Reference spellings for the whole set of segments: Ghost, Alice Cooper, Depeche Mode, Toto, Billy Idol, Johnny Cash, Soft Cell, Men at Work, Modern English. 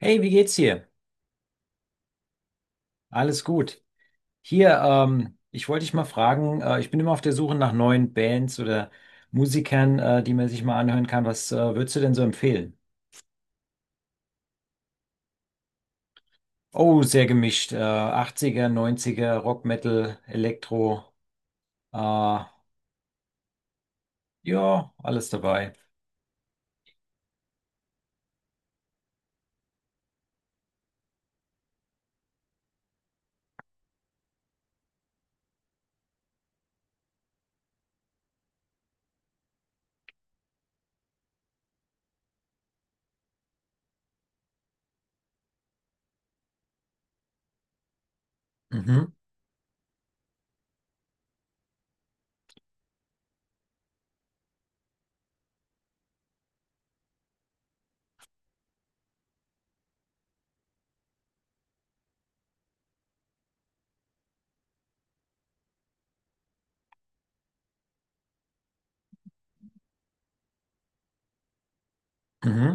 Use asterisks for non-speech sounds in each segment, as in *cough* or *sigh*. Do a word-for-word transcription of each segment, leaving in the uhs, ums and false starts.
Hey, wie geht's dir? Alles gut. Hier, ähm, ich wollte dich mal fragen, äh, ich bin immer auf der Suche nach neuen Bands oder Musikern, äh, die man sich mal anhören kann. Was, äh, würdest du denn so empfehlen? Oh, sehr gemischt. Äh, achtziger, Rock, Metal, Elektro. Äh, ja, alles dabei. Mhm, mhm.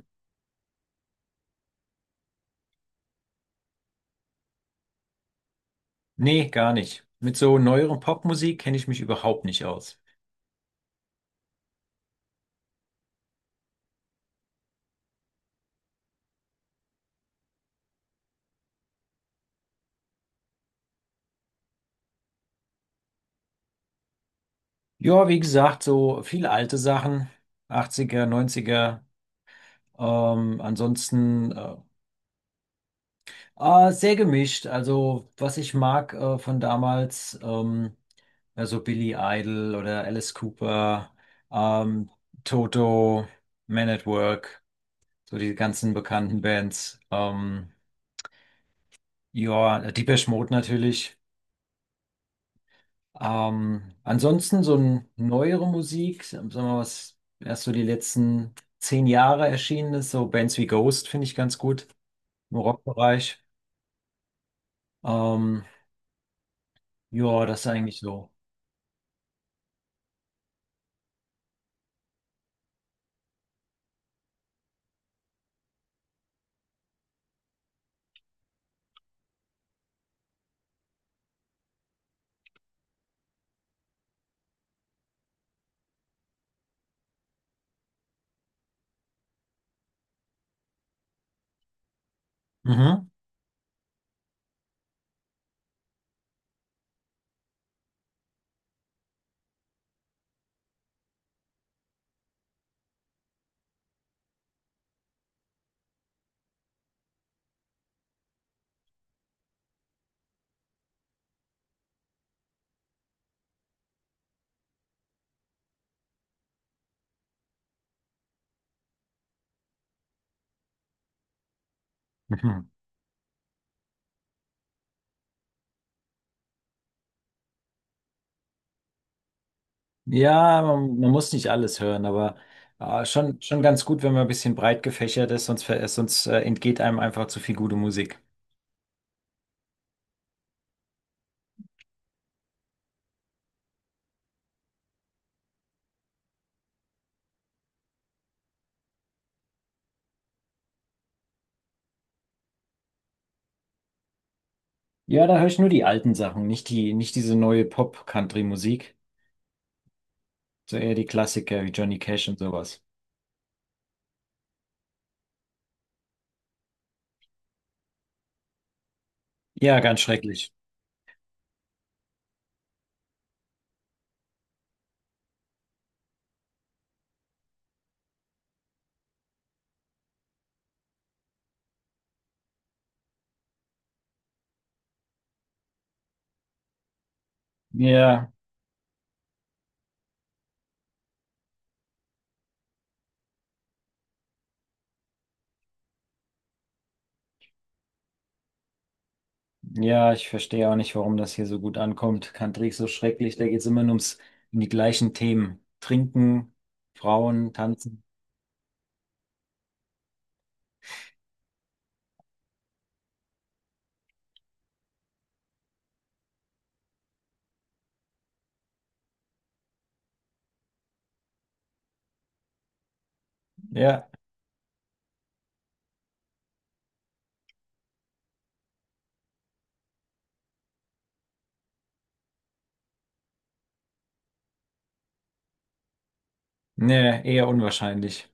Nee, gar nicht. Mit so neueren Popmusik kenne ich mich überhaupt nicht aus. Ja, wie gesagt, so viele alte Sachen, Achtziger, neunziger. Ähm, ansonsten äh, Ah, sehr gemischt. Also, was ich mag äh, von damals, ähm, also Billy Idol oder Alice Cooper, ähm, Toto, Man at Work, so die ganzen bekannten Bands. Ähm, ja, Depeche Mode natürlich. Ähm, ansonsten so eine neuere Musik, sagen wir mal, was erst so die letzten zehn Jahre erschienen ist, so Bands wie Ghost finde ich ganz gut im Rockbereich. Ähm, ja, das ist eigentlich so. Mhm. *laughs* Ja, man, man muss nicht alles hören, aber äh, schon, schon ganz gut, wenn man ein bisschen breit gefächert ist, sonst, ver- sonst äh, entgeht einem einfach zu viel gute Musik. Ja, da höre ich nur die alten Sachen, nicht die, nicht diese neue Pop-Country-Musik, so eher die Klassiker wie Johnny Cash und sowas. Ja, ganz schrecklich. Ja, ja, ich verstehe auch nicht, warum das hier so gut ankommt. Country ist so schrecklich, da geht es immer nur ums, um die gleichen Themen. Trinken, Frauen, tanzen. Ja, nee, eher unwahrscheinlich.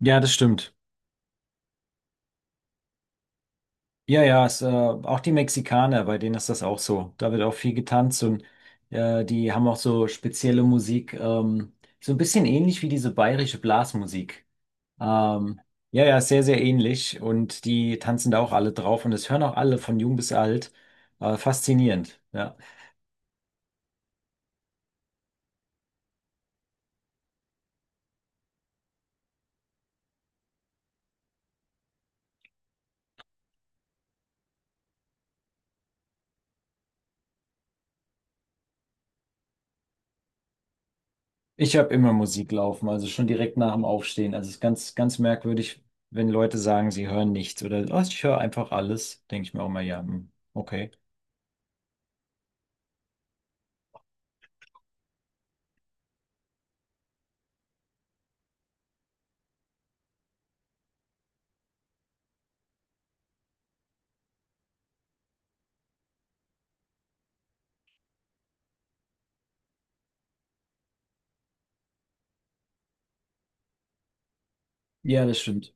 Ja, das stimmt. Ja, ja, es, äh, auch die Mexikaner, bei denen ist das auch so. Da wird auch viel getanzt und äh, die haben auch so spezielle Musik, ähm, so ein bisschen ähnlich wie diese bayerische Blasmusik. Ähm, ja, ja, sehr, sehr ähnlich und die tanzen da auch alle drauf und das hören auch alle von jung bis alt. Äh, faszinierend, ja. Ich habe immer Musik laufen, also schon direkt nach dem Aufstehen. Also es ist ganz, ganz merkwürdig, wenn Leute sagen, sie hören nichts oder oh, ich höre einfach alles, denke ich mir auch mal, ja, hm, okay. Ja, das stimmt.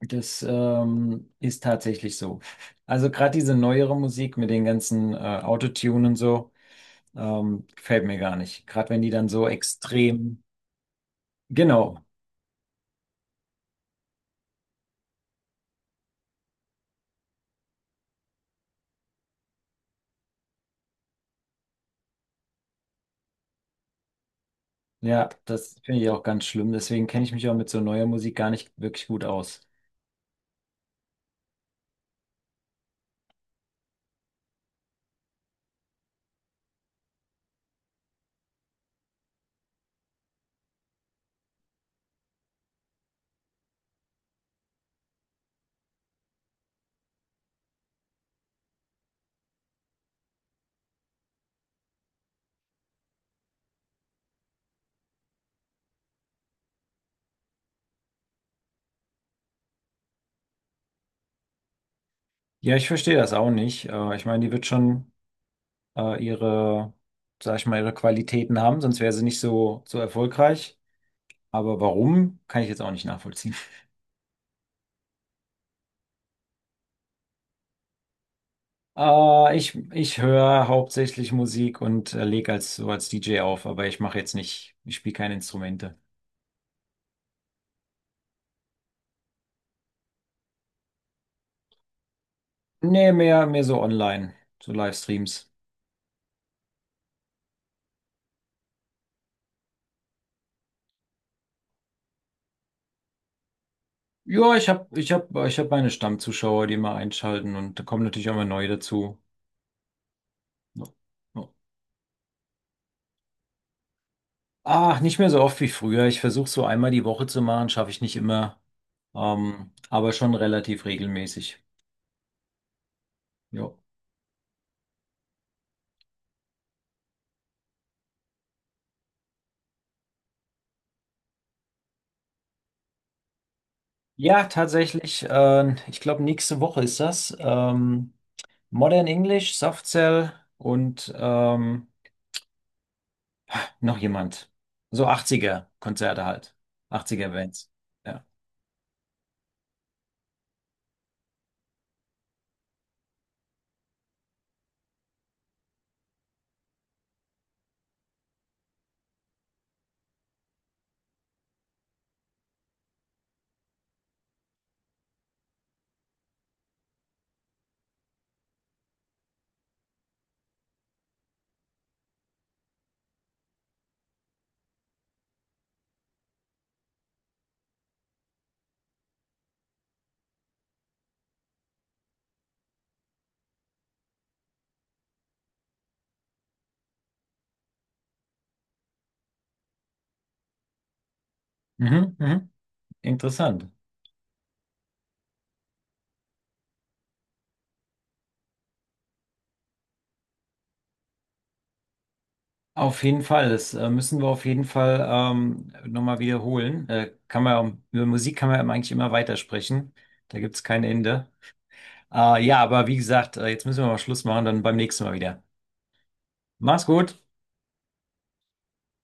Das ähm, ist tatsächlich so. Also gerade diese neuere Musik mit den ganzen äh, Autotune und so, ähm, gefällt mir gar nicht. Gerade wenn die dann so extrem. Genau. Ja, das finde ich auch ganz schlimm. Deswegen kenne ich mich auch mit so neuer Musik gar nicht wirklich gut aus. Ja, ich verstehe das auch nicht. Äh, ich meine, die wird schon äh, ihre, sag ich mal, ihre Qualitäten haben, sonst wäre sie nicht so, so erfolgreich. Aber warum, kann ich jetzt auch nicht nachvollziehen. Äh, ich ich höre hauptsächlich Musik und äh, lege als so als D J auf, aber ich mache jetzt nicht, ich spiele keine Instrumente. Nee, mehr, mehr so online, so Livestreams. Ja, ich habe ich hab, ich hab meine Stammzuschauer, die immer einschalten und da kommen natürlich auch mal neue dazu. Ja. Ja. Ach, nicht mehr so oft wie früher. Ich versuche so einmal die Woche zu machen, schaffe ich nicht immer, ähm, aber schon relativ regelmäßig. Ja, ja tatsächlich. Äh, ich glaube, nächste Woche ist das. Ähm, Modern English, Soft Cell und ähm, noch jemand. So achtziger-Konzerte halt. achtziger-Bands. Ja. Mhm, mhm. Interessant. Auf jeden Fall, das äh, müssen wir auf jeden Fall ähm, nochmal wiederholen. Äh, kann man, ja um, über Musik kann man eben eigentlich immer weitersprechen. Da gibt es kein Ende. Äh, ja, aber wie gesagt, äh, jetzt müssen wir mal Schluss machen, dann beim nächsten Mal wieder. Mach's gut.